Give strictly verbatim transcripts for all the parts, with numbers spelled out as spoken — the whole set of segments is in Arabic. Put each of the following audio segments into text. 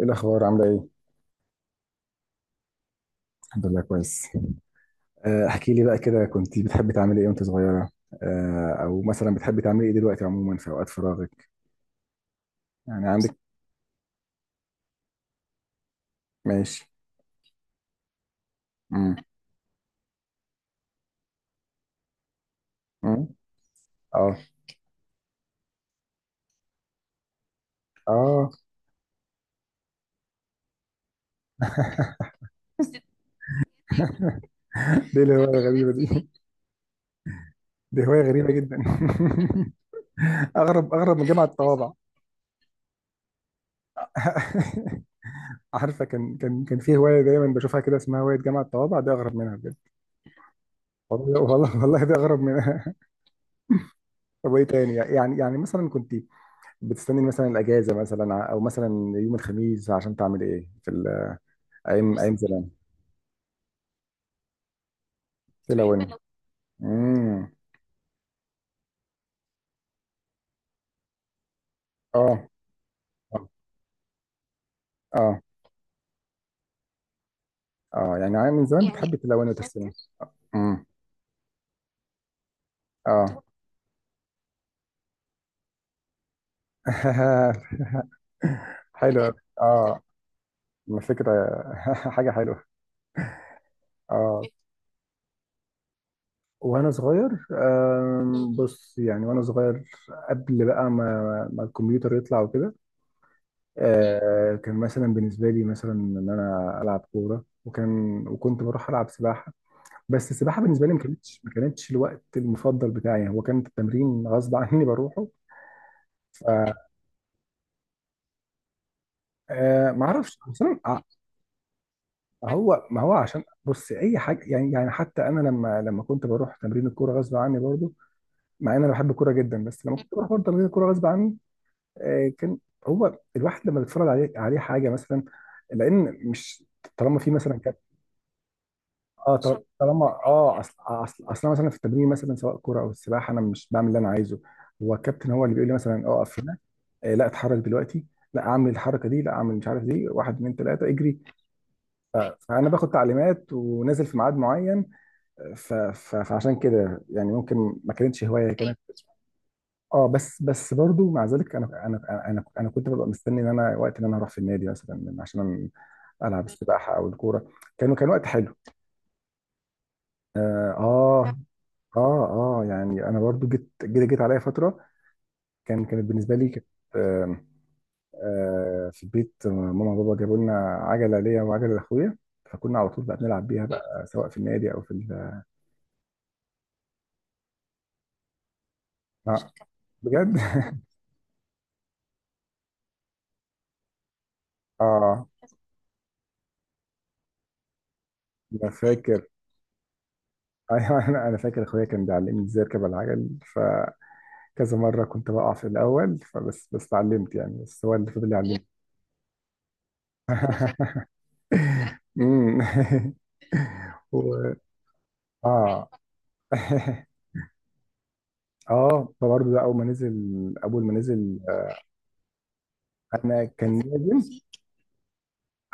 ايه الاخبار عامله ايه؟ الحمد لله كويس. آه، احكي لي بقى كده، كنت بتحبي تعملي ايه وانت صغيره؟ آه، او مثلا بتحبي تعملي ايه دلوقتي عموما في اوقات فراغك؟ يعني عندك ماشي. امم امم اه اه. دي الهوايه الغريبه دي؟ دي هوايه غريبه جدا. اغرب اغرب من جامعه الطوابع. عارفه، كان كان كان في هوايه دايما بشوفها كده اسمها هوايه جامعه الطوابع، دي اغرب منها بجد. والله والله والله دي اغرب منها. طب وايه تاني؟ يعني يعني مثلا كنت بتستني مثلا الاجازه، مثلا ع- او مثلا يوم الخميس عشان تعمل ايه في ال- ايام، بص، ايام زمان. بحب تلون، بحب. امم اه اه اه. آه. يعني عام من زمان يعني بتحب التلون، فاكر وتستني. امم اه. حلو أوي. فاكر اه. ما فكره، حاجه حلوه. اه، وانا صغير آم، بص، يعني وانا صغير قبل بقى ما ما الكمبيوتر يطلع وكده. آه، كان مثلا بالنسبه لي مثلا ان انا العب كوره، وكان وكنت بروح العب سباحه. بس السباحه بالنسبه لي ما كانتش ما كانتش الوقت المفضل بتاعي، هو كان التمرين غصب عني بروحه. ف آه، ما اعرفش بس أنا- آه، هو، ما هو عشان بص اي حاجه، يعني يعني حتى انا لما لما كنت بروح تمرين الكوره غصب عني برضو. مع ان انا بحب الكوره جدا، بس لما كنت بروح برضه تمرين الكوره غصب عني. آه، كان هو الواحد لما بيتفرج عليه عليه حاجه مثلا، لان مش، طالما في مثلا، اه طل- طالما اه، اصل اصل اصل أنا مثلا في التمرين مثلا سواء كوره او السباحه، انا مش بعمل اللي انا عايزه. هو الكابتن هو اللي بيقول لي مثلا اقف هنا، آه لا اتحرك دلوقتي، لا اعمل الحركه دي، لا اعمل مش عارف دي، واحد اتنين تلاته اجري. فانا باخد تعليمات ونازل في ميعاد معين. ف ف فعشان كده يعني ممكن ما كانتش هوايه، هي كانت. اه، بس بس برضو مع ذلك، انا انا انا انا كنت ببقى مستني ان انا وقت ان انا هروح في النادي مثلا عشان العب السباحه او الكوره. كانوا كان وقت حلو. اه. آه، اه اه، يعني انا برضو جيت جيت جيت عليا فتره، كان كانت بالنسبه لي كانت. آم، آه، في البيت ماما وبابا جابوا لنا عجله ليا وعجله لاخويا، فكنا على طول بقى بنلعب بيها بقى سواء في النادي او في ال... آه بجد؟ اه انا فاكر. ايوه، انا أنا فاكر اخويا كان بيعلمني ازاي اركب على العجل، فكذا مره كنت بقع في الاول، فبس بس اتعلمت يعني، بس هو اللي فضل يعلمني. أمم. و... اه. اه، فبرضه ده اول ما نزل، اول ما نزل انا كان لازم.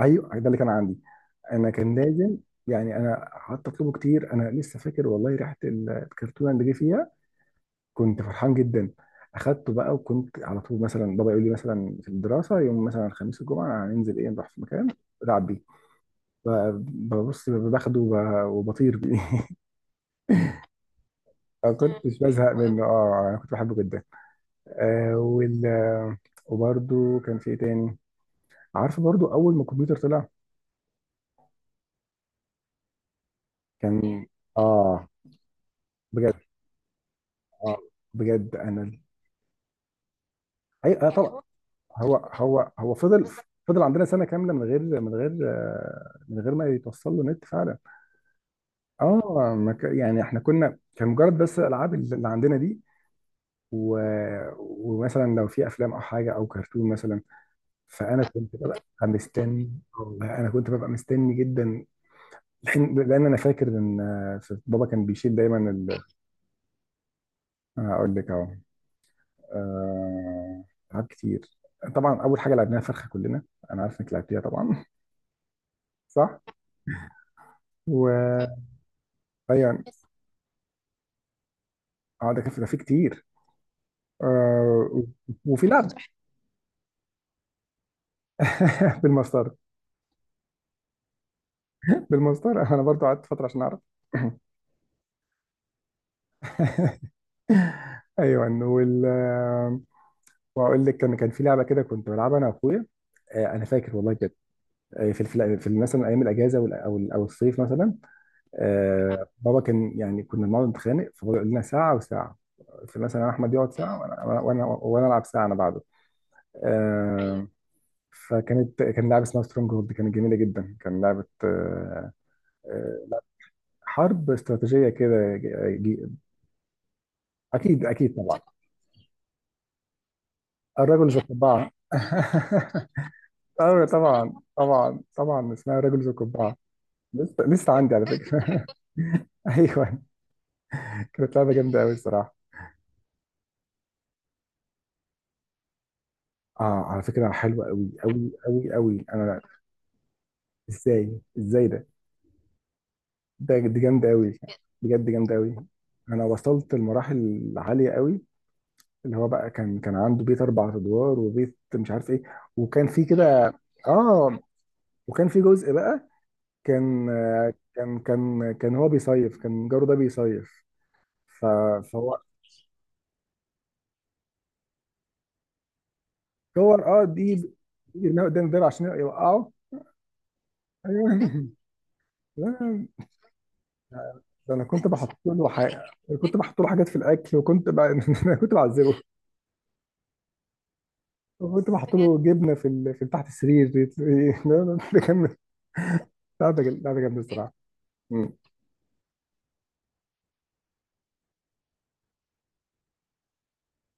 ايوه، ده اللي كان عندي. انا كان لازم يعني، انا قعدت اطلبه كتير. انا لسه فاكر والله ريحه ال- الكرتونه اللي جه فيها، كنت فرحان جدا. اخدته بقى، وكنت على طول مثلا بابا يقول لي مثلا في الدراسه يوم مثلا الخميس والجمعه هننزل ايه، نروح في مكان العب بيه. ب- ببص باخده وب- وبطير بيه. ما كنتش بزهق منه، اه انا كنت بحبه جدا. آه وال وبرده كان في ايه تاني؟ عارف برضو اول ما الكمبيوتر طلع، كان اه بجد. اه بجد انا، اي آه طبعا. هو هو هو فضل، فضل عندنا سنه كامله من غير من غير آه من غير ما يتوصل له نت فعلا. اه ما ك- يعني احنا كنا كان مجرد بس الالعاب اللي عندنا دي و... ومثلا لو في افلام او حاجه او كرتون مثلا، فانا كنت ببقى مستني. والله انا كنت ببقى مستني جدا، لان لأن انا فاكر ان آه، بابا كان بيشيل دايما ال... آه، اقول لك اهو. آه، ألعاب كتير. طبعا أول حاجة لعبناها فرخة كلنا، أنا عارف إنك لعبتيها طبعا. صح؟ و أيوة. أه ده كان في، ده في كتير. آه، وفي لعب. بالمسطرة، بالمسطرة. أنا برضو قعدت فترة عشان أعرف. أيوة. وال آه، وأقول لك، كان كان في لعبة كده كنت بلعبها أنا وأخويا. آه، أنا فاكر والله بجد. آه، في في في مثلا أيام الأجازة وال- أو أو الصيف مثلا، آه بابا كان يعني كنا بنقعد نتخانق، فبابا يقول لنا ساعه وساعه. فمثلا انا احمد يقعد ساعه، وانا وانا وانا وأنا العب ساعه انا بعده. آه. فكانت كان لعبه اسمها سترونج هولد، كانت جميله جدا، كان لعبه آه آه حرب استراتيجيه كده. ج- ج- اكيد اكيد طبعا، الرجل ذو القبعه. ايوه طبعا طبعا طبعا، اسمها الرجل ذو القبعه. لسه لسه عندي على فكره. ايوه، كانت لعبه جامده قوي الصراحه. اه على فكره حلوه قوي قوي قوي قوي. انا ازاي؟ ازاي ده؟ ده دي جامده قوي، بجد جامده قوي. انا وصلت لمراحل عاليه قوي، اللي هو بقى كان كان عنده بيت اربع ادوار، وبيت مش عارف ايه، وكان في كده اه. وكان في جزء بقى، كان آه، كان كان كان هو بيصيف، كان جاره ده بيصيف. ف- فهو، صور اه دي، يرميها قدام الباب عشان يوقعه. ايوه. لا، ده انا كنت بحط له حاجه، كنت بحط له حاجات في الاكل، وكنت ب... انا كنت بعذبه، وكنت بحط له بجد جبنه في ال... في تحت السرير. يطل- لا، لا، ده كان قاعده، قاعده جامده الصراحه. مم.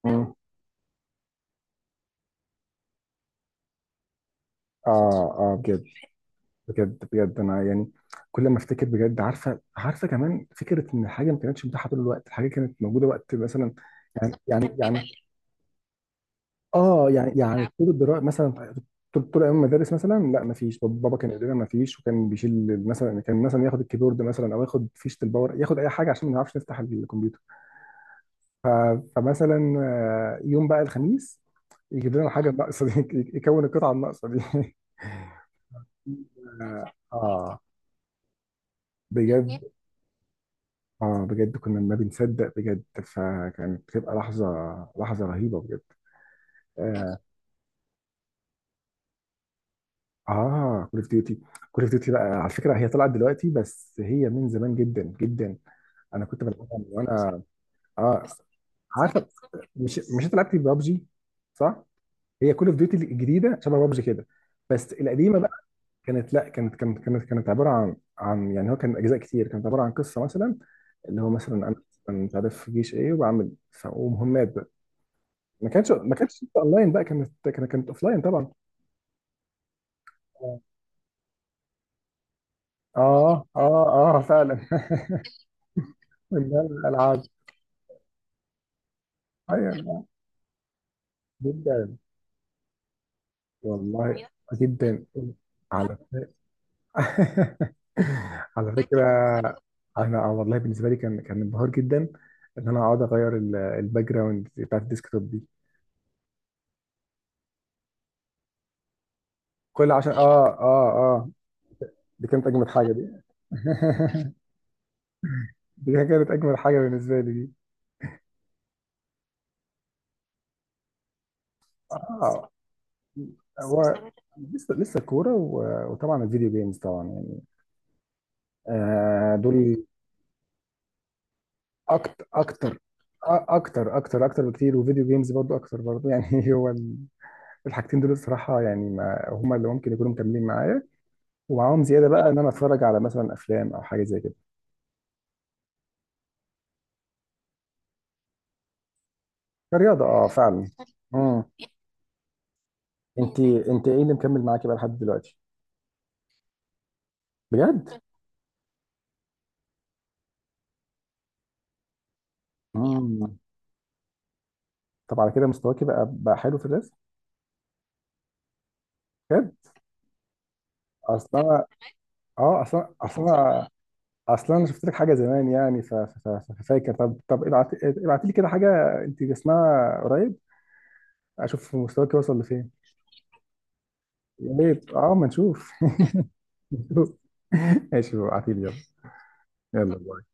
مم. اه اه بجد. بجد بجد انا يعني، كل ما افتكر بجد. عارفه؟ عارفه كمان فكره ان الحاجه ما كانتش متاحه طول الوقت، الحاجه كانت موجوده وقت مثلا، يعني يعني يعني اه، يعني يعني طول الدراسه مثلا، طول طول ايام المدارس مثلا لا ما فيش، بابا كان يقول لنا ما فيش، وكان بيشيل مثلا، كان مثلا ياخد الكيبورد مثلا، او ياخد فيشه الباور، ياخد اي حاجه عشان ما نعرفش نفتح الكمبيوتر. ف- فمثلا آه، يوم بقى الخميس يجيب لنا الحاجه الناقصه دي، يكون القطعه الناقصه دي. اه. آه، بجد. اه بجد، كنا ما بنصدق بجد، فكانت بتبقى لحظه، لحظه رهيبه بجد. اه اه، كول اوف ديوتي. كول اوف ديوتي بقى على فكره هي طلعت دلوقتي، بس هي من زمان جدا جدا. انا كنت بلعبها من وانا، اه عارفه. مش مش انت لعبتي ببجي؟ صح؟ هي كول اوف ديوتي الجديده شبه ببجي كده، بس القديمه كانت، لا كانت كانت كانت كانت عباره عن عن يعني، هو كان اجزاء كتير، كانت عباره عن قصه مثلا، اللي هو مثلا انا مثلاً مش عارف في جيش ايه، وبعمل ف- ومهمات بقى، ما كانتش ما كانتش اونلاين بقى، كانت كانت كانت اوفلاين طبعا. اه اه اه فعلا. من ده الالعاب. ايوه جدا والله، جدا على فكره، على فكره. انا والله بالنسبه لي كان كان انبهار جدا ان انا اقعد اغير ال- الباك جراوند بتاعت الديسكتوب دي. كل عشان اه اه اه دي كانت اجمد حاجه دي. دي كانت اجمد حاجه بالنسبه لي دي. اه هو، لسه لسه الكوره و- وطبعا الفيديو جيمز طبعا يعني، آه دول. اكتر اكتر. آه، اكتر اكتر اكتر بكتير، وفيديو جيمز برضو اكتر برضو يعني. هو ال- الحاجتين دول الصراحه يعني ما هم اللي ممكن يكونوا مكملين معايا، ومعاهم زياده بقى ان انا اتفرج على مثلا افلام او حاجه زي كده. كرياضه اه فعلا. امم. انت انت ايه اللي مكمل معاكي بقى لحد دلوقتي؟ بجد؟ مم. طب على كده مستواكي بقى بقى حلو في الرسم؟ بجد؟ اصل انا، اه اصل أنا- اصل انا اصل انا شفت لك حاجه زمان يعني، ف- ف- ف- ففاكر، طب طب ابعت، ابعت لي كده حاجه انت جسمها قريب، اشوف مستواك وصل لفين. يا ريت اه، ما نشوف. نشوف. ماشي، ابعتي لي يلا. يلا.